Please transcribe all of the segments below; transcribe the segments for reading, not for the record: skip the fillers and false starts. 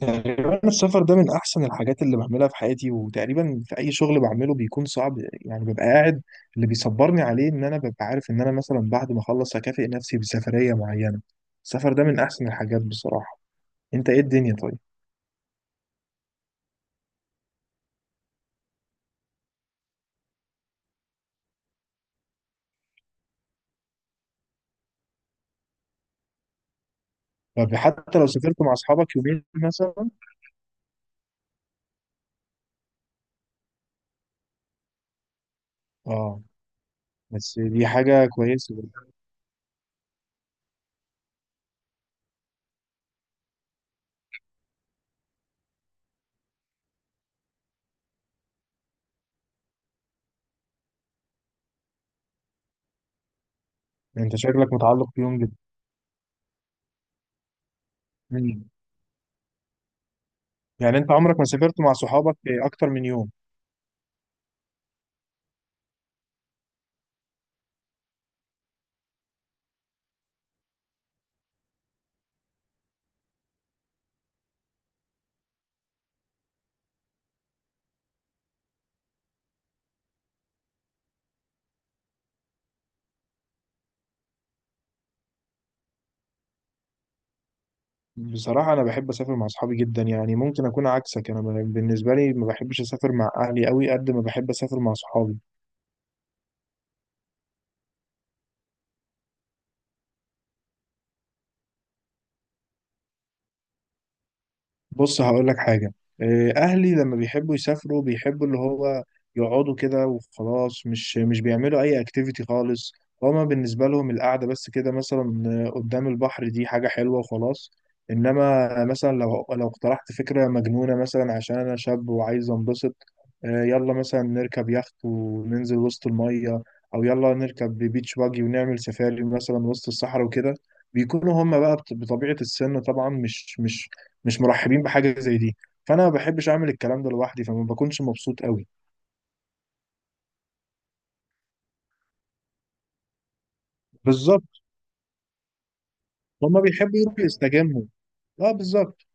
تقريبا السفر ده من احسن الحاجات اللي بعملها في حياتي، وتقريبا في اي شغل بعمله بيكون صعب. يعني ببقى قاعد، اللي بيصبرني عليه ان انا ببقى عارف ان انا مثلا بعد ما اخلص هكافئ نفسي بسفرية معينة. السفر ده من احسن الحاجات بصراحة. انت ايه الدنيا طيب؟ طب حتى لو سافرت مع اصحابك يومين مثلا. اه، بس دي حاجة كويسة. انت شكلك متعلق بيهم جدا. مم. يعني انت عمرك ما سافرت مع صحابك اكتر من يوم؟ بصراحة أنا بحب أسافر مع أصحابي جدا. يعني ممكن أكون عكسك، أنا بالنسبة لي ما بحبش أسافر مع أهلي أوي، قد ما بحب أسافر مع صحابي. بص هقول لك حاجة. أهلي لما بيحبوا يسافروا بيحبوا اللي هو يقعدوا كده وخلاص، مش بيعملوا أي أكتيفيتي خالص. هما بالنسبة لهم القعدة بس كده، مثلا قدام البحر، دي حاجة حلوة وخلاص. إنما مثلا لو اقترحت فكرة مجنونة، مثلا عشان أنا شاب وعايز أنبسط، يلا مثلا نركب يخت وننزل وسط المية، أو يلا نركب بيتش باجي ونعمل سفاري مثلا وسط الصحراء وكده. بيكونوا هم بقى بطبيعة السن طبعا مش مرحبين بحاجه زي دي. فانا ما بحبش اعمل الكلام ده لوحدي، فما بكونش مبسوط قوي. بالظبط، هما بيحبوا يروحوا يستجموا. اه بالظبط.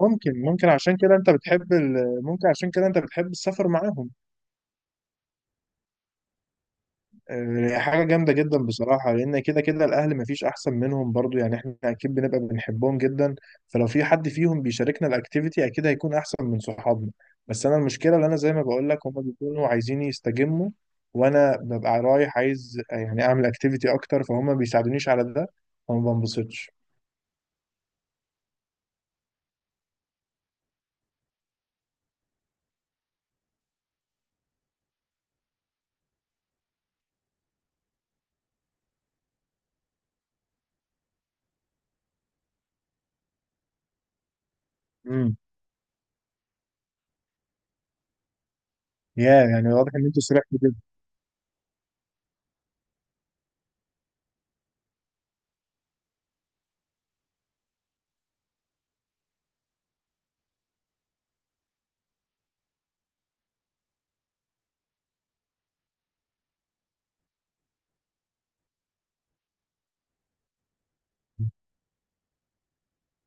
ممكن عشان كده انت بتحب ممكن عشان كده انت بتحب السفر معاهم. حاجة جامدة جدا بصراحة، لأن كده كده الأهل مفيش أحسن منهم برضو، يعني إحنا أكيد بنبقى بنحبهم جدا. فلو في حد فيهم بيشاركنا الأكتيفيتي أكيد هيكون أحسن من صحابنا. بس أنا المشكلة اللي أنا زي ما بقول لك، هما بيكونوا عايزين يستجموا، وأنا ببقى رايح عايز يعني أعمل أكتيفيتي أكتر، فهم ما بيساعدونيش على ده، فما بنبسطش. امم. يا يعني واضح إن أنتوا سرحتوا جدا.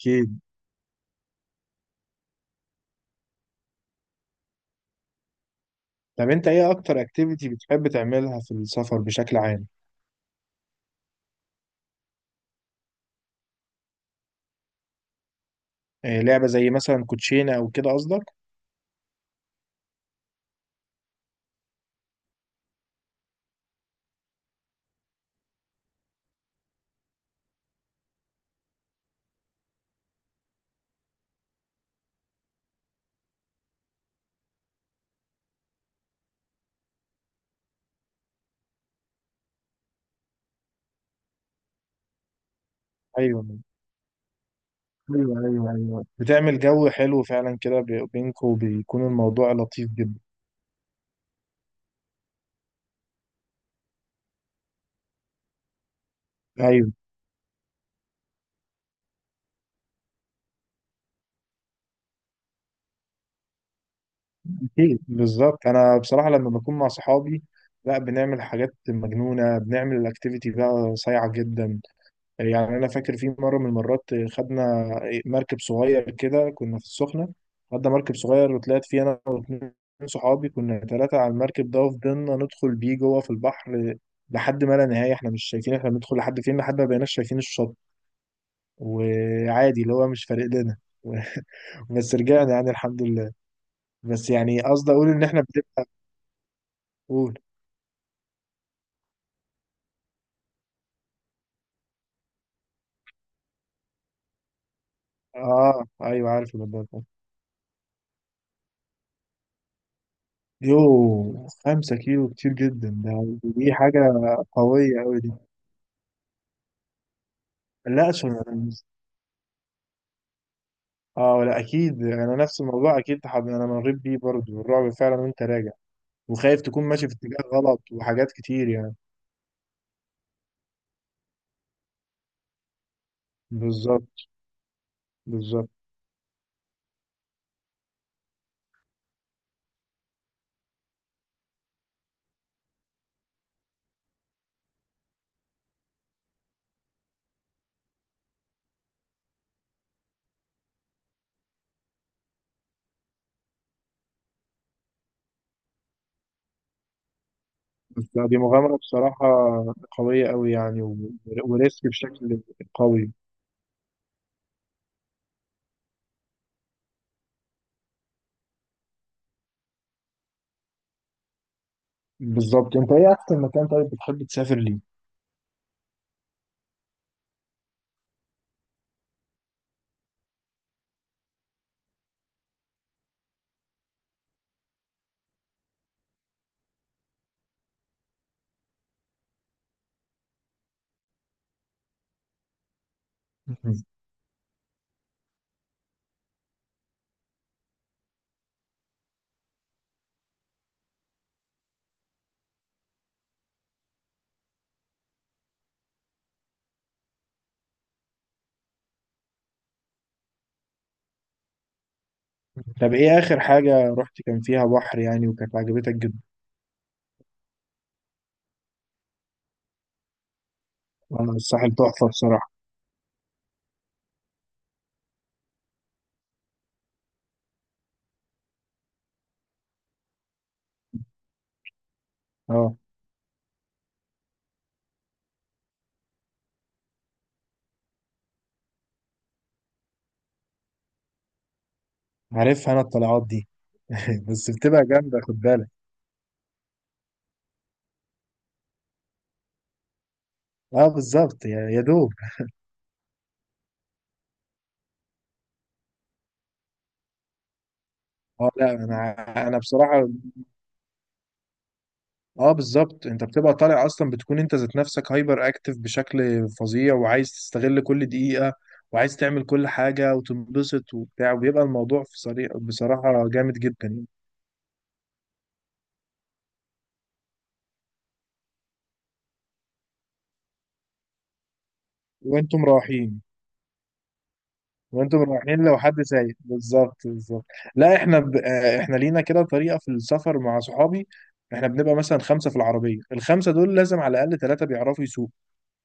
أكيد. طب أنت إيه أكتر أكتيفيتي بتحب تعملها في السفر بشكل عام؟ لعبة زي مثلا كوتشينة أو كده قصدك؟ أيوه. ايوه ايوه ايوه، بتعمل جو حلو فعلا كده بينكم، وبيكون الموضوع لطيف جدا. ايوه. اكيد بالظبط. انا بصراحه لما بكون مع صحابي لا، بنعمل حاجات مجنونه، بنعمل الاكتيفيتي بقى صايعه جدا. يعني انا فاكر في مره من المرات خدنا مركب صغير كده، كنا في السخنه. خدنا مركب صغير وطلعت فيه انا واتنين صحابي، كنا ثلاثه على المركب ده، وفضلنا ندخل بيه جوه في البحر لحد ما لا نهايه، احنا مش شايفين احنا بندخل لحد فين، لحد ما بقيناش شايفين الشط، وعادي اللي هو مش فارق لنا. بس رجعنا يعني الحمد لله. بس يعني قصدي اقول ان احنا بنقول. اه ايوه عارف الموضوع ده. يو، خمسة كيلو كتير جدا ده، دي حاجة قوية أوي دي. لا عشان، اه لا أكيد أنا نفس الموضوع أكيد أنا مريت بيه برضه الرعب فعلا وأنت راجع، وخايف تكون ماشي في اتجاه غلط وحاجات كتير يعني. بالظبط بالظبط. بس دي مغامرة بصراحة قوية أوي يعني وريسك بشكل قوي. بالظبط. انت ايه احسن مكان طيب بتحب تسافر ليه؟ مهم. طب ايه اخر حاجة رحت كان فيها بحر يعني وكانت عجبتك جدا؟ انا الساحل تحفة بصراحة. اه عارفها انا الطلعات دي. بس بتبقى جامدة خد بالك. اه بالظبط، يا يا دوب. اه لا انا، انا بصراحة اه بالظبط، انت بتبقى طالع اصلا بتكون انت ذات نفسك هايبر اكتف بشكل فظيع، وعايز تستغل كل دقيقة، وعايز تعمل كل حاجة وتنبسط وبتاع، وبيبقى الموضوع في صريح بصراحة جامد جدا يعني. وانتم رايحين، وانتم رايحين لو حد سايق، بالظبط بالظبط. لا احنا ب... آه، احنا لينا كده طريقه في السفر مع صحابي. احنا بنبقى مثلا خمسه في العربيه، الخمسه دول لازم على الاقل ثلاثه بيعرفوا يسوق.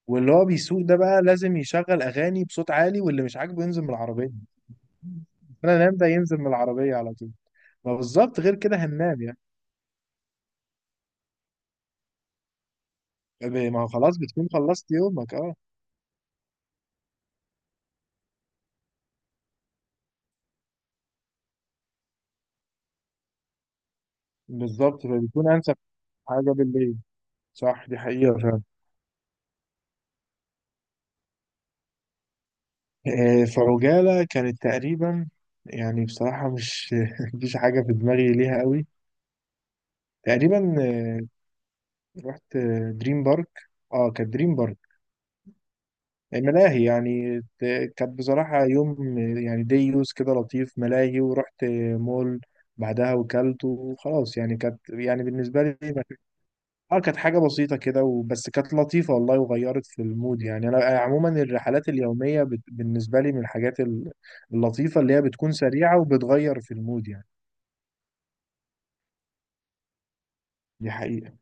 واللي هو بيسوق ده بقى لازم يشغل اغاني بصوت عالي، واللي مش عاجبه ينزل من العربيه. انا نام ده ينزل من العربيه على طول. ما بالظبط، غير كده هننام يعني. ما هو خلاص بتكون خلصت يومك اه. بالظبط، فبيكون انسب حاجه بالليل. صح دي حقيقه فعلا. فعجالة كانت تقريبا، يعني بصراحة مش مفيش حاجة في دماغي ليها قوي. تقريبا آه، رحت دريم بارك. اه كانت دريم بارك. ملاهي يعني كانت بصراحة يوم، يعني دي يوز كده لطيف، ملاهي، ورحت مول بعدها وكلت وخلاص، يعني كانت يعني بالنسبة لي اه كانت حاجة بسيطة كده وبس، كانت لطيفة والله وغيرت في المود يعني. أنا عموما الرحلات اليومية بالنسبة لي من الحاجات اللطيفة، اللي هي بتكون سريعة وبتغير في المود يعني. دي حقيقة.